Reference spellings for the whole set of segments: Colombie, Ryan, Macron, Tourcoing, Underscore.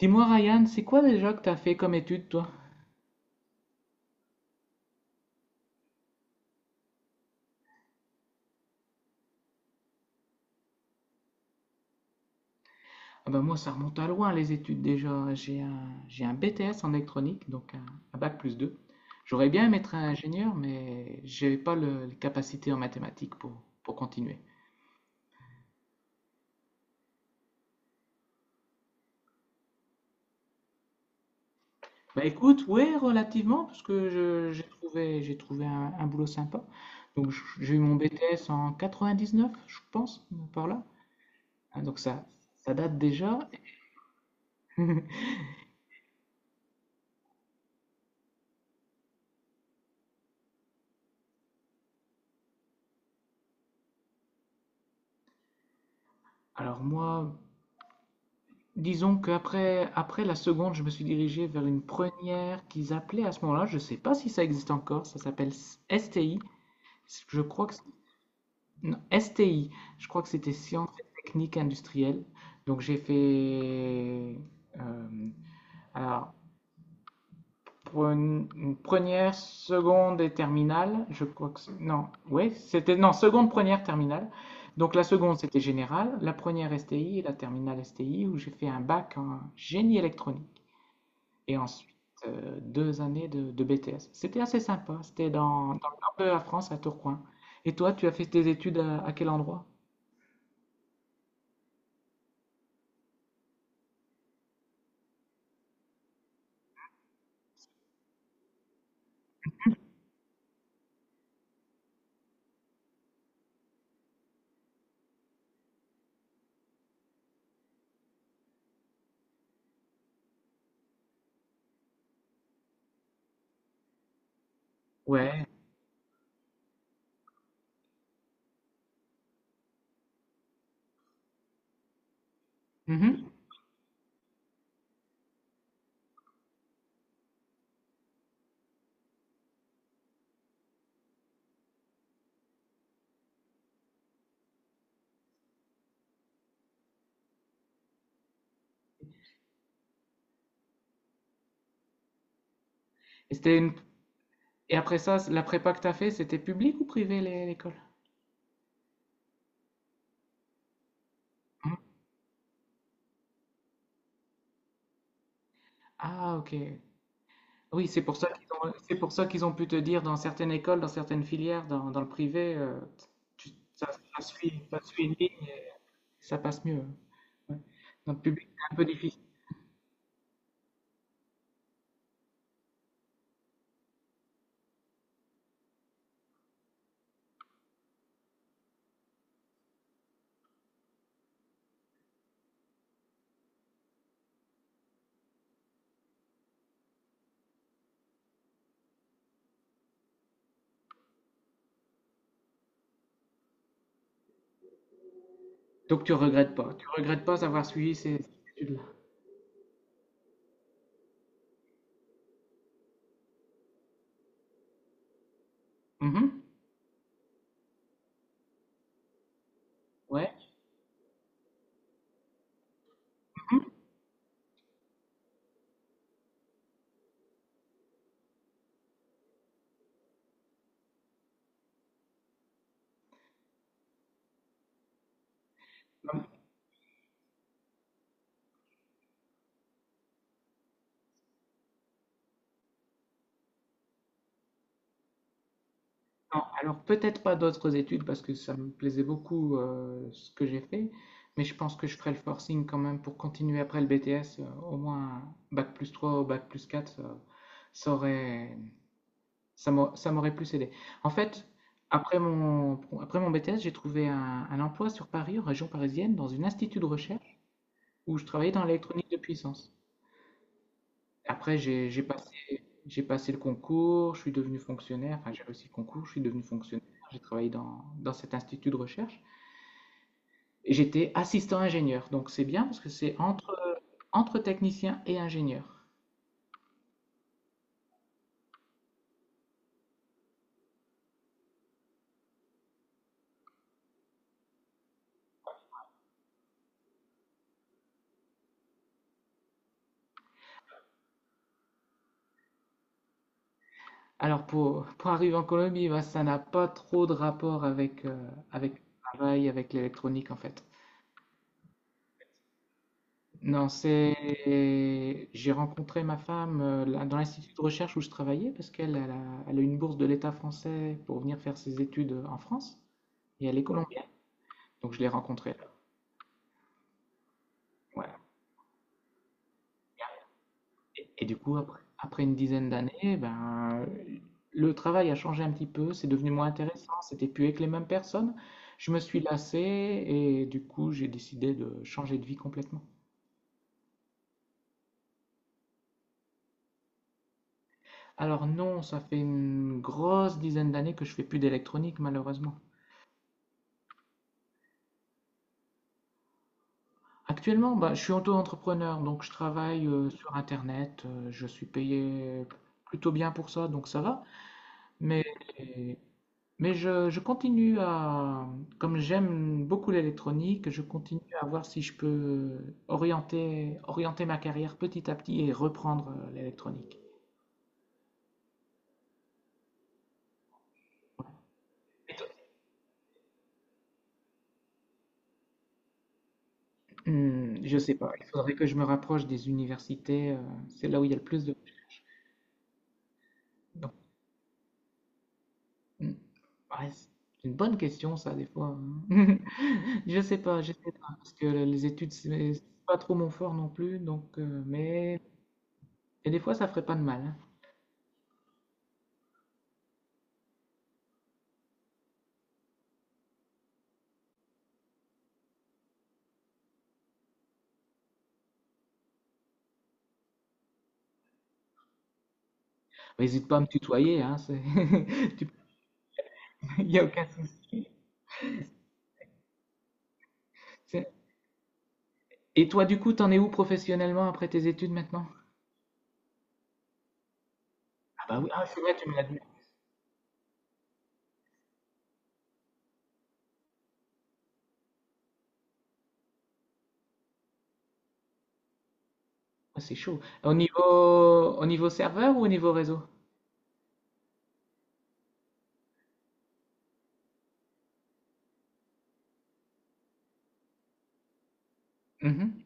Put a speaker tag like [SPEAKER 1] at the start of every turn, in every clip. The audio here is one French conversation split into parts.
[SPEAKER 1] Dis-moi, Ryan, c'est quoi déjà que t'as fait comme études, toi? Ah ben moi, ça remonte à loin, les études déjà. J'ai un BTS en électronique, donc un bac plus 2. J'aurais bien aimé être ingénieur, mais j'avais pas les capacités en mathématiques pour continuer. Bah écoute, ouais, relativement, parce que j'ai trouvé un boulot sympa. Donc j'ai eu mon BTS en 99, je pense, par là. Hein, donc ça date déjà. Alors moi, disons qu'après après la seconde, je me suis dirigé vers une première qu'ils appelaient à ce moment-là. Je ne sais pas si ça existe encore. Ça s'appelle STI. Je crois que non, STI. Je crois que c'était sciences et techniques industrielles. Donc j'ai fait euh, alors pour une première, seconde et terminale. Je crois que non. Oui, c'était non seconde, première, terminale. Donc la seconde c'était générale, la première STI et la terminale STI où j'ai fait un bac en génie électronique. Et ensuite, deux années de BTS. C'était assez sympa. C'était dans le nord de la France, à Tourcoing. Et toi, tu as fait tes études à quel endroit? Ouais. Mhm. Et, c'était une- et après ça, la prépa que tu as fait, c'était public ou privé l'école? Mhm. Ah, ok. Oui, c'est pour ça qu'ils ont pu te dire dans certaines écoles, dans certaines filières, dans le privé, tu- ça, ça suit une ligne et ça passe mieux. Ouais. Dans le public, c'est un peu difficile. Donc tu regrettes pas. Tu regrettes pas d'avoir suivi ces études-là. Mmh. Ouais. Mmh. Non, non, alors peut-être pas d'autres études parce que ça me plaisait beaucoup, ce que j'ai fait, mais je pense que je ferai le forcing quand même pour continuer après le BTS, au moins un bac bac+3 ou bac+4, ça aurait ça m'aurait plus aidé. En fait, après mon BTS, j'ai trouvé un emploi sur Paris, en région parisienne, dans une institut de recherche où je travaillais dans l'électronique de puissance. Après, j'ai passé le concours, je suis devenu fonctionnaire, enfin j'ai réussi le concours, je suis devenu fonctionnaire, j'ai travaillé dans cet institut de recherche et j'étais assistant ingénieur. Donc c'est bien parce que c'est entre technicien et ingénieur. Alors pour arriver en Colombie, bah, ça n'a pas trop de rapport avec, avec le travail, avec l'électronique en fait. Non, c'est. J'ai rencontré ma femme là, dans l'institut de recherche où je travaillais parce qu'elle elle a une bourse de l'État français pour venir faire ses études en France. Et elle est colombienne, donc je l'ai rencontrée là. Ouais. Et du coup, après une dizaine d'années, ben, le travail a changé un petit peu, c'est devenu moins intéressant, c'était plus avec les mêmes personnes. Je me suis lassé et du coup, j'ai décidé de changer de vie complètement. Alors non, ça fait une grosse dizaine d'années que je fais plus d'électronique, malheureusement. Actuellement, bah, je suis auto-entrepreneur, donc je travaille sur Internet, je suis payé plutôt bien pour ça, donc ça va. Mais, mais je continue à, comme j'aime beaucoup l'électronique, je continue à voir si je peux orienter ma carrière petit à petit et reprendre l'électronique. Je sais pas, il faudrait que je me rapproche des universités, c'est là où il y a le plus de... Donc, hmm, ouais, c'est une bonne question ça des fois. Hein. Je sais pas, parce que les études c'est pas trop mon fort non plus, donc, mais... Et des fois ça ferait pas de mal. Hein. Hésite pas à me tutoyer, hein, c'est... tu- il n'y a aucun souci. C'est- Et toi, du coup, t'en es où professionnellement après tes études maintenant? Ah bah oui, ah, c'est vrai, tu me l'as dit. Ah, c'est chaud. Au niveau, serveur ou au niveau réseau? Mhm.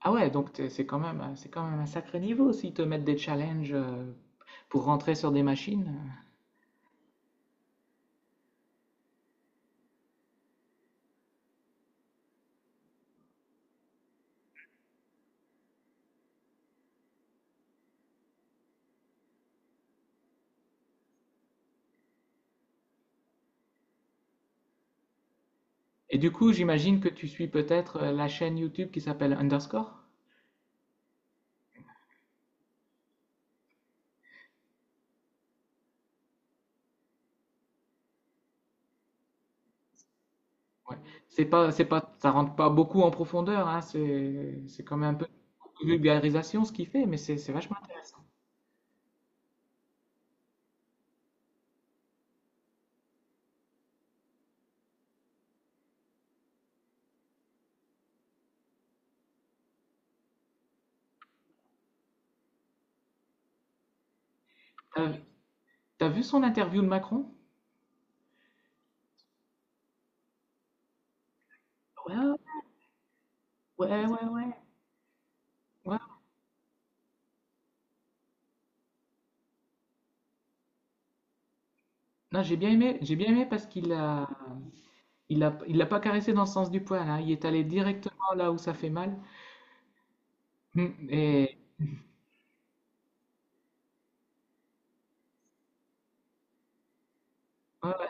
[SPEAKER 1] Ah ouais, donc c'est quand même, un sacré niveau s'ils te mettent des challenges pour rentrer sur des machines. Et du coup, j'imagine que tu suis peut-être la chaîne YouTube qui s'appelle Underscore? Ouais. C'est pas, ça rentre pas beaucoup en profondeur, hein, c'est quand même un peu de vulgarisation ce qu'il fait, mais c'est vachement intéressant. T'as, t'as vu son interview de Macron? Ouais, ouais, ouais, ouais. Ouais. Non, j'ai bien aimé parce qu'il l'a pas caressé dans le sens du poil, hein, il est allé directement là où ça fait mal. Et ouais, ouais,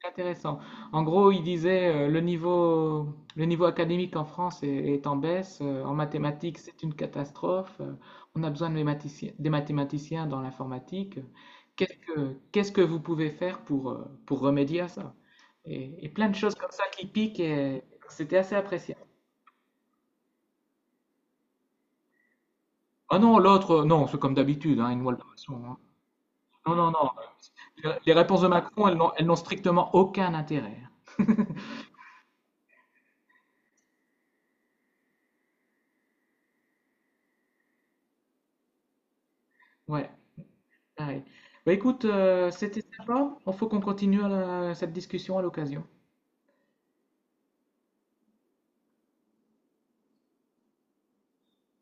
[SPEAKER 1] c'est intéressant. En gros, il disait le niveau académique en France est en baisse. En mathématiques, c'est une catastrophe. On a besoin de mathématiciens, des mathématiciens dans l'informatique. Qu'est-ce que vous pouvez faire pour remédier à ça? Et plein de choses comme ça qui piquent et c'était assez appréciable. Ah non, l'autre, non, c'est comme d'habitude, hein, une voile de maçon, hein. Non, non, non. Les réponses de Macron, elles n'ont strictement aucun intérêt. Ouais. Ah oui. Bah, écoute, c'était sympa. Il faut qu'on continue cette discussion à l'occasion.